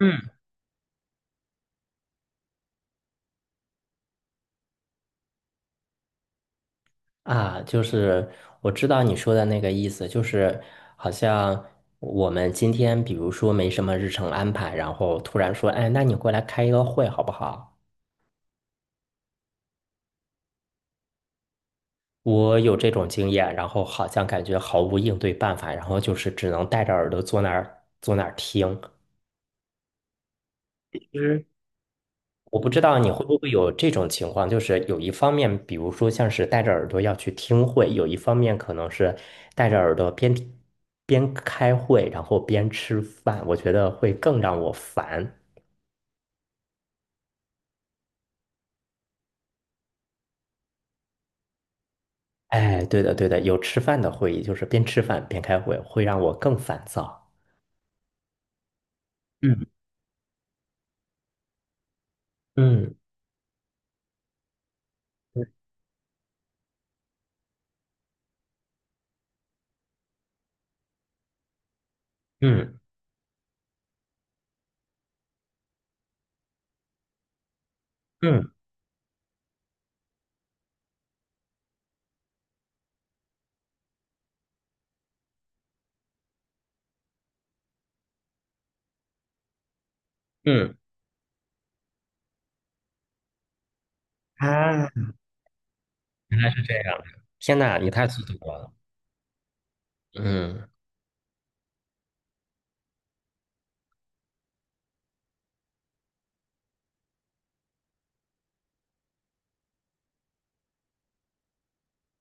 嗯啊，就是我知道你说的那个意思，就是好像我们今天比如说没什么日程安排，然后突然说，哎，那你过来开一个会好不好？我有这种经验，然后好像感觉毫无应对办法，然后就是只能戴着耳朵坐那儿坐那儿听。我不知道你会不会有这种情况，就是有一方面，比如说像是戴着耳朵要去听会，有一方面可能是戴着耳朵边听边开会，然后边吃饭，我觉得会更让我烦。哎，对的，对的，有吃饭的会议，就是边吃饭边开会，会让我更烦躁。嗯嗯嗯嗯嗯，啊，是这样天呐，你太速度了。嗯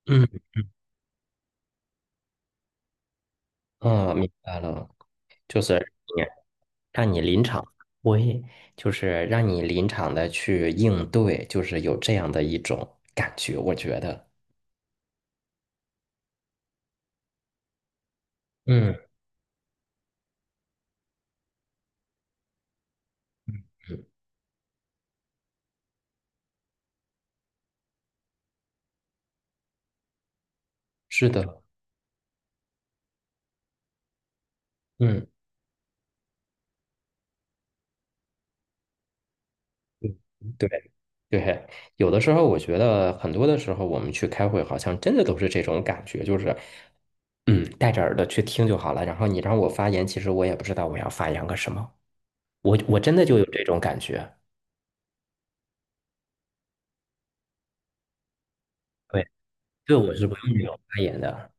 嗯嗯，明白了，就是。让你临场我也就是让你临场的去应对，就是有这样的一种感觉，我觉得，嗯，嗯，是的，嗯，对对，有的时候我觉得很多的时候我们去开会，好像真的都是这种感觉，就是嗯，戴着耳朵去听就好了，然后你让我发言，其实我也不知道我要发言个什么，我真的就有这种感觉，对，对，我是不用那种发言的。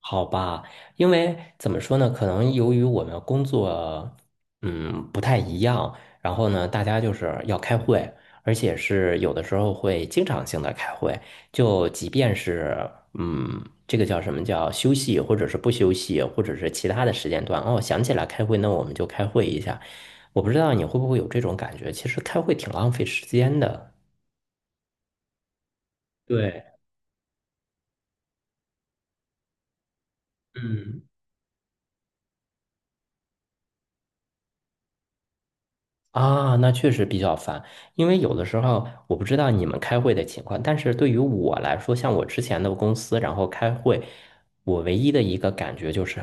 好吧，因为怎么说呢？可能由于我们工作，嗯，不太一样，然后呢，大家就是要开会，而且是有的时候会经常性的开会，就即便是嗯，这个叫什么叫休息，或者是不休息，或者是其他的时间段，哦，想起来开会，那我们就开会一下。我不知道你会不会有这种感觉，其实开会挺浪费时间的。对，嗯。啊，那确实比较烦，因为有的时候我不知道你们开会的情况，但是对于我来说，像我之前的公司，然后开会，我唯一的一个感觉就是，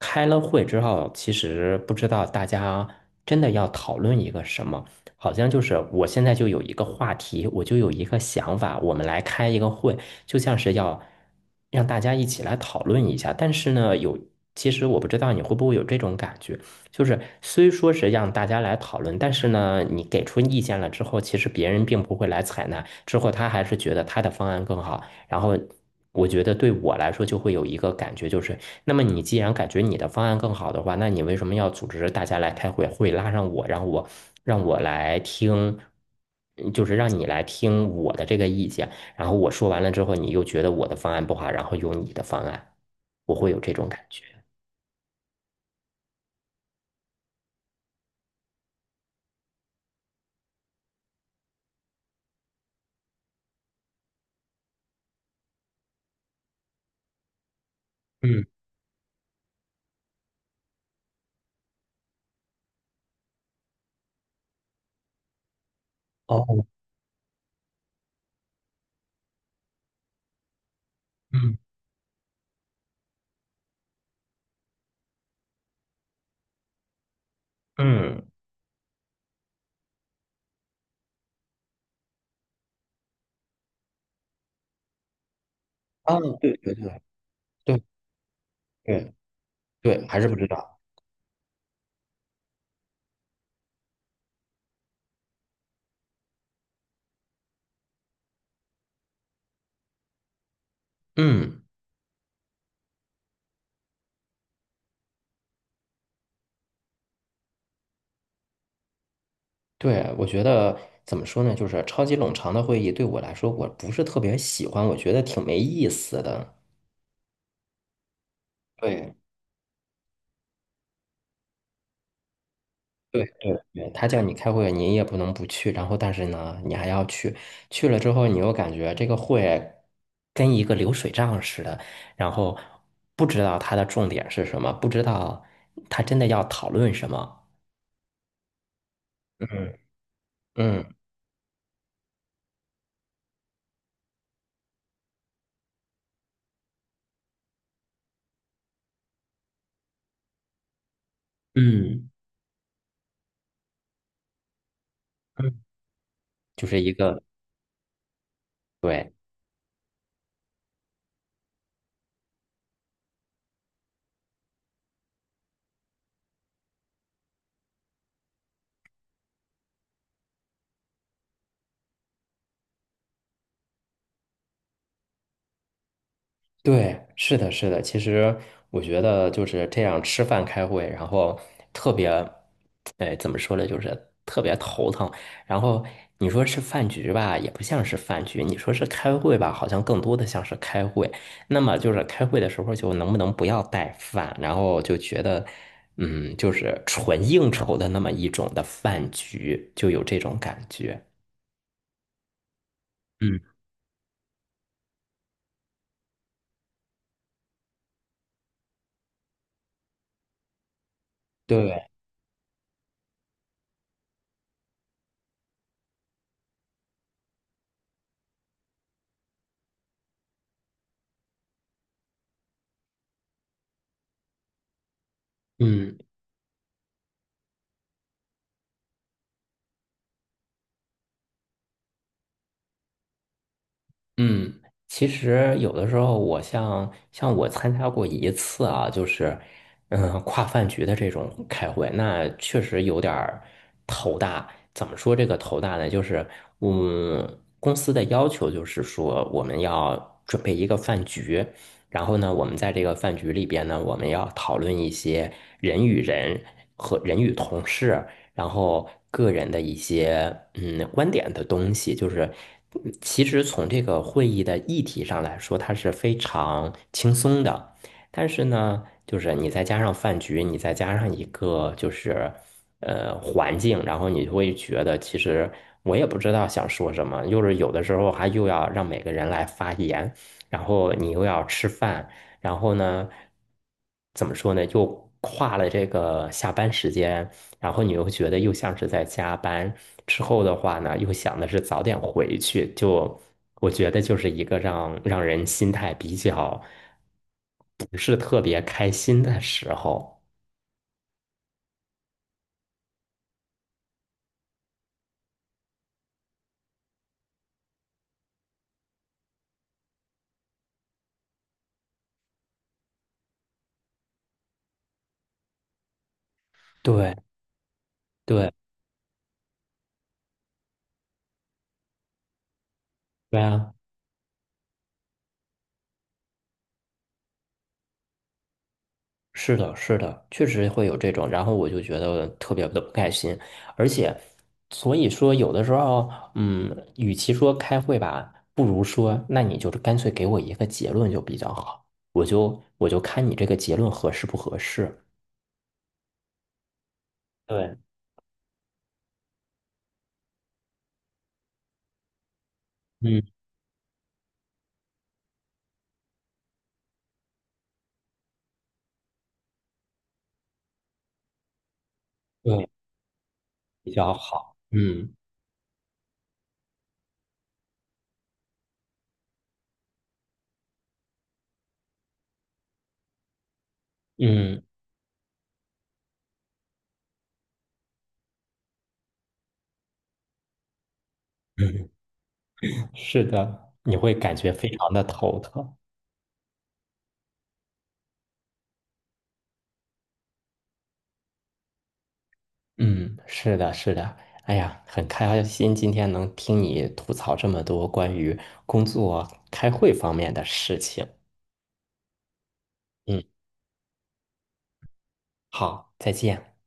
开了会之后，其实不知道大家真的要讨论一个什么，好像就是我现在就有一个话题，我就有一个想法，我们来开一个会，就像是要让大家一起来讨论一下，但是呢，有，其实我不知道你会不会有这种感觉。就是虽说是让大家来讨论，但是呢，你给出意见了之后，其实别人并不会来采纳，之后他还是觉得他的方案更好。然后我觉得对我来说就会有一个感觉，就是那么你既然感觉你的方案更好的话，那你为什么要组织大家来开会，会拉上我让我来听，嗯就是让你来听我的这个意见，然后我说完了之后，你又觉得我的方案不好，然后用你的方案，我会有这种感觉。嗯，哦，嗯。嗯。啊，对对对对对对，还是不知道。嗯，对，我觉得怎么说呢，就是超级冗长的会议对我来说，我不是特别喜欢，我觉得挺没意思的。对对对对，他叫你开会，你也不能不去，然后但是呢，你还要去，去了之后，你又感觉这个会跟一个流水账似的，然后不知道它的重点是什么，不知道他真的要讨论什么。嗯嗯嗯嗯，就是一个。对。对，是的，是的。其实我觉得就是这样吃饭开会，然后特别，哎，怎么说呢，就是特别头疼。然后你说是饭局吧，也不像是饭局；你说是开会吧，好像更多的像是开会。那么就是开会的时候，就能不能不要带饭？然后就觉得，嗯，就是纯应酬的那么一种的饭局，就有这种感觉。嗯，对，嗯。嗯，其实有的时候，我像我参加过一次啊，就是嗯跨饭局的这种开会，那确实有点儿头大。怎么说这个头大呢？就是嗯，公司的要求就是说我们要准备一个饭局，然后呢，我们在这个饭局里边呢，我们要讨论一些人与人和人与同事。然后个人的一些嗯观点的东西，就是嗯其实从这个会议的议题上来说，它是非常轻松的，但是呢，就是你再加上饭局，你再加上一个就是呃环境，然后你就会觉得其实我也不知道想说什么，就是有的时候还又要让每个人来发言，然后你又要吃饭。然后呢，怎么说呢？又跨了这个下班时间，然后你又觉得又像是在加班，之后的话呢，又想的是早点回去，就我觉得就是一个让人心态比较不是特别开心的时候。对对对啊。是的，是的，确实会有这种，然后我就觉得特别的不开心，而且，所以说有的时候，嗯，与其说开会吧，不如说，那你就是干脆给我一个结论就比较好，我就看你这个结论合适不合适。对，嗯，对，比较好。嗯嗯嗯，是的，你会感觉非常的头疼。嗯，是的，是的。哎呀，很开心今天能听你吐槽这么多关于工作、开会方面的事情。嗯，好，再见。